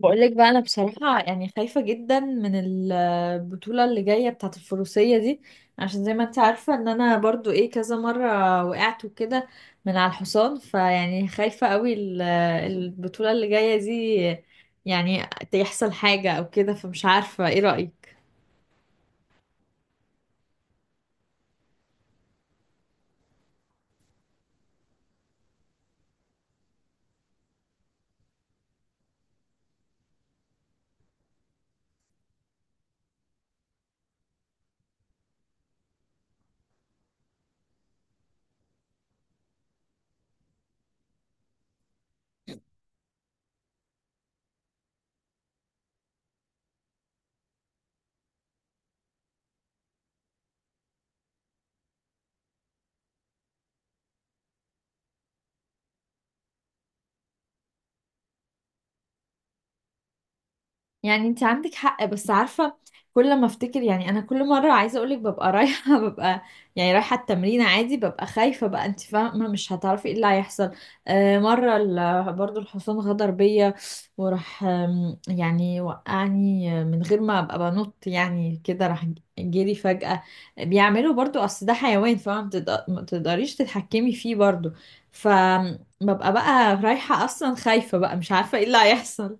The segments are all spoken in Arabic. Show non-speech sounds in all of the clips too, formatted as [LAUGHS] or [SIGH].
بقولك بقى، انا بصراحة يعني خايفة جدا من البطولة اللي جاية بتاعة الفروسية دي. عشان زي ما انت عارفة ان انا برضو ايه كذا مرة وقعت وكده من على الحصان. فيعني خايفة قوي البطولة اللي جاية دي يعني يحصل حاجة او كده. فمش عارفة، ايه رأيك؟ يعني انت عندك حق، بس عارفة، كل ما افتكر يعني انا كل مرة عايزة اقولك ببقى رايحة [LAUGHS] ببقى يعني رايحة التمرين عادي، ببقى خايفة بقى، انت فاهمة؟ مش هتعرفي ايه اللي هيحصل. آه، مرة برضو الحصان غدر بيا وراح، يعني وقعني من غير ما ابقى بنط، يعني كده راح جري فجأة. بيعملوا برضو، اصل ده حيوان، ما تقدريش تتحكمي فيه برضو. فببقى بقى رايحة اصلا خايفة بقى، مش عارفة ايه اللي هيحصل.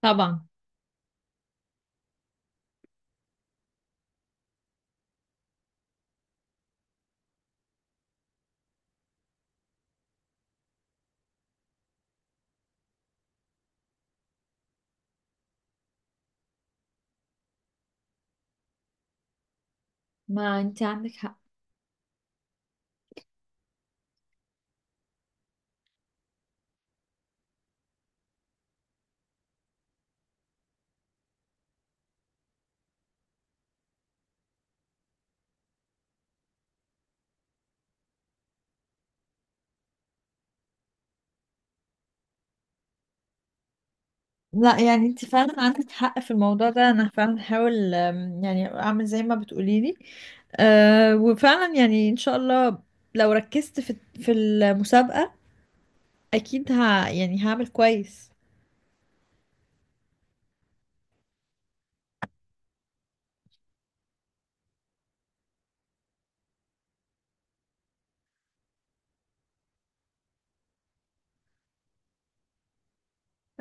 طبعا. ما انت عندك حق. لا يعني انت فعلا عندك حق في الموضوع ده. انا فعلا هحاول، يعني اعمل زي ما بتقولي لي. أه، وفعلا يعني ان شاء الله لو ركزت في المسابقة اكيد ها يعني هعمل كويس.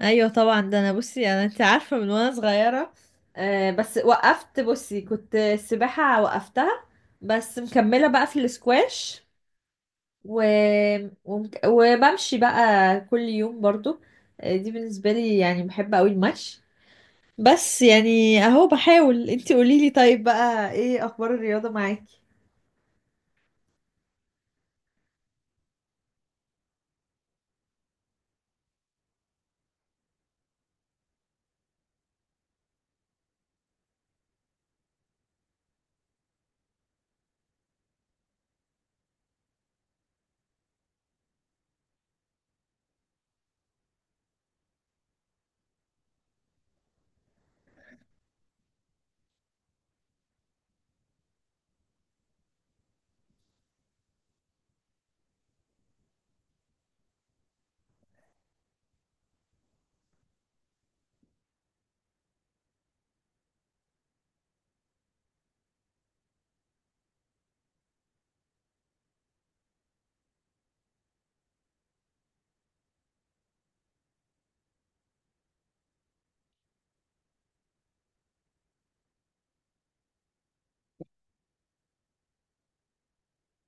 ايوه طبعا، ده انا بصي، انا انت عارفة من وانا صغيرة. أه، بس وقفت. بصي كنت السباحة وقفتها، بس مكملة بقى في الاسكواش. و... وبمشي بقى كل يوم برضو. دي بالنسبة لي يعني بحب قوي المشي. بس يعني اهو بحاول. انتي قوليلي، طيب بقى ايه اخبار الرياضة معاكي؟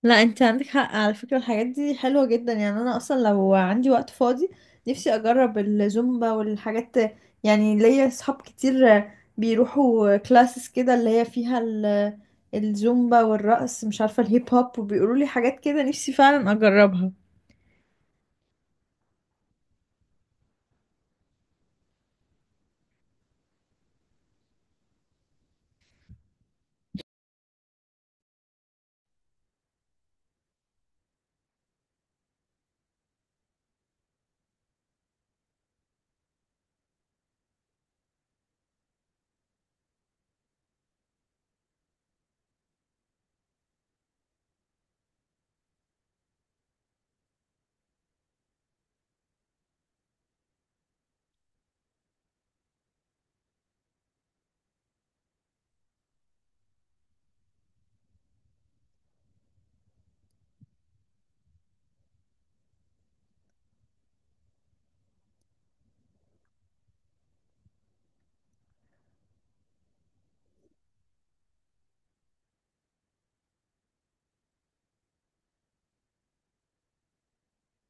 لا انت عندك حق على فكرة، الحاجات دي حلوة جدا. يعني انا اصلا لو عندي وقت فاضي نفسي اجرب الزومبا والحاجات. يعني ليا اصحاب كتير بيروحوا كلاسز كده اللي هي فيها الزومبا والرقص، مش عارفة، الهيب هوب، وبيقولوا لي حاجات كده، نفسي فعلا اجربها.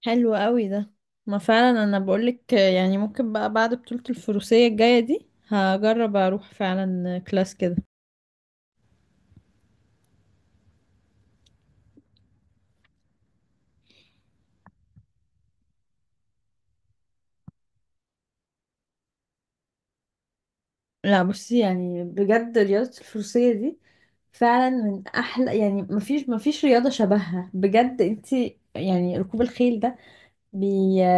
حلو قوي ده. ما فعلا انا بقولك، يعني ممكن بقى بعد بطولة الفروسية الجاية دي هجرب اروح فعلا كلاس كده. لا بصي يعني بجد رياضة الفروسية دي فعلا من احلى، يعني مفيش مفيش رياضة شبهها بجد. انتي يعني ركوب الخيل ده بي...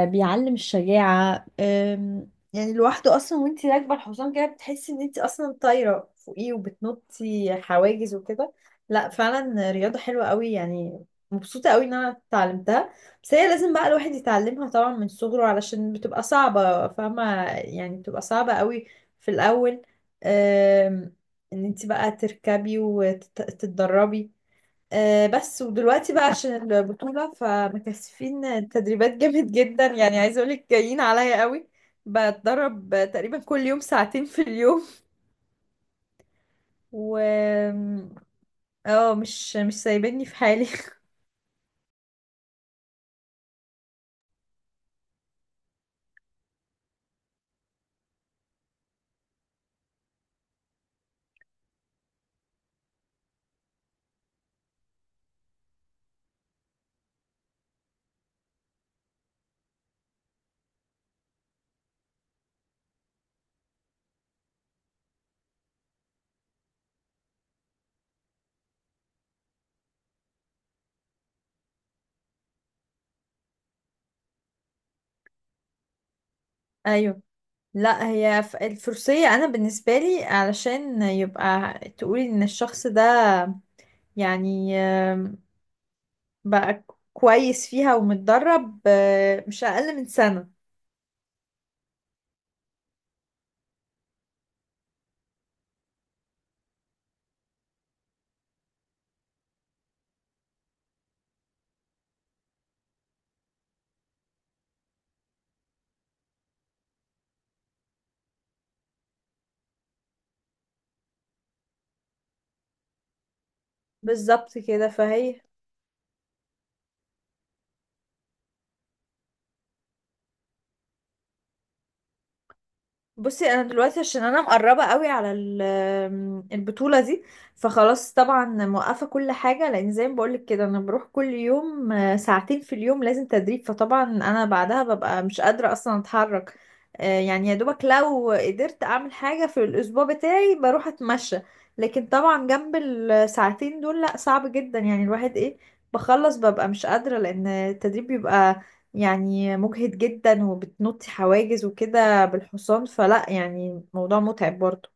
بيعلم الشجاعة، يعني لوحده أصلا. وانتي راكبة الحصان كده بتحسي ان انتي أصلا طايرة فوقيه وبتنطي حواجز وكده. لا فعلا رياضة حلوة قوي يعني. مبسوطة قوي ان انا اتعلمتها. بس هي لازم بقى الواحد يتعلمها طبعا من صغره علشان بتبقى صعبة، فاهمة؟ يعني بتبقى صعبة قوي في الأول، أم... ان انتي بقى تركبي وتتدربي. بس ودلوقتي بقى عشان البطولة فمكثفين تدريبات جامد جدا، يعني عايزة اقولك جايين عليا قوي. بتدرب تقريبا كل يوم ساعتين في اليوم. و اه مش سايبني في حالي. [LAUGHS] ايوه. لا هي الفروسية انا بالنسبة لي علشان يبقى تقولي ان الشخص ده يعني، بقى كويس فيها ومتدرب، مش اقل من سنة. بالظبط كده فهي. بصي انا دلوقتي عشان انا مقربه قوي على البطوله دي فخلاص طبعا موقفه كل حاجه. لان زي ما بقولك كده انا بروح كل يوم، ساعتين في اليوم لازم تدريب. فطبعا انا بعدها ببقى مش قادره اصلا اتحرك. يعني يا دوبك لو قدرت اعمل حاجه في الاسبوع بتاعي بروح اتمشى. لكن طبعا جنب الساعتين دول لا صعب جدا، يعني الواحد ايه، بخلص ببقى مش قادره لان التدريب بيبقى يعني مجهد جدا وبتنطي حواجز وكده بالحصان، فلا يعني موضوع متعب برضه.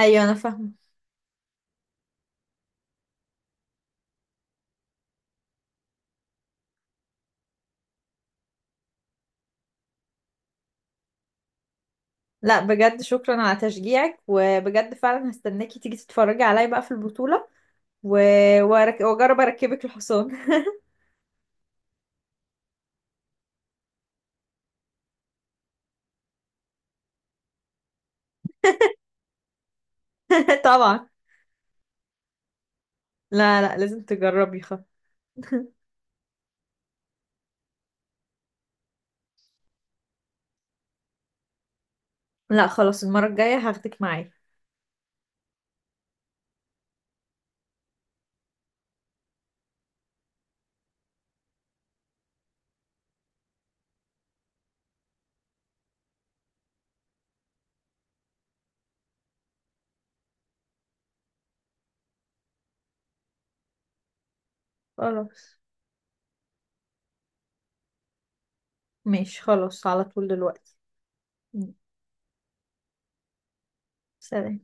ايوه انا فاهمه. لا بجد شكرا على تشجيعك، وبجد فعلا هستناكي تيجي تتفرجي عليا بقى في البطولة. و... واجرب اركبك الحصان [LAUGHS] طبعا. لا لا لازم تجربي [LAUGHS] لا خلاص، المرة الجاية هاخدك معايا. خلاص ماشي، خلاص على طول دلوقتي. سلام.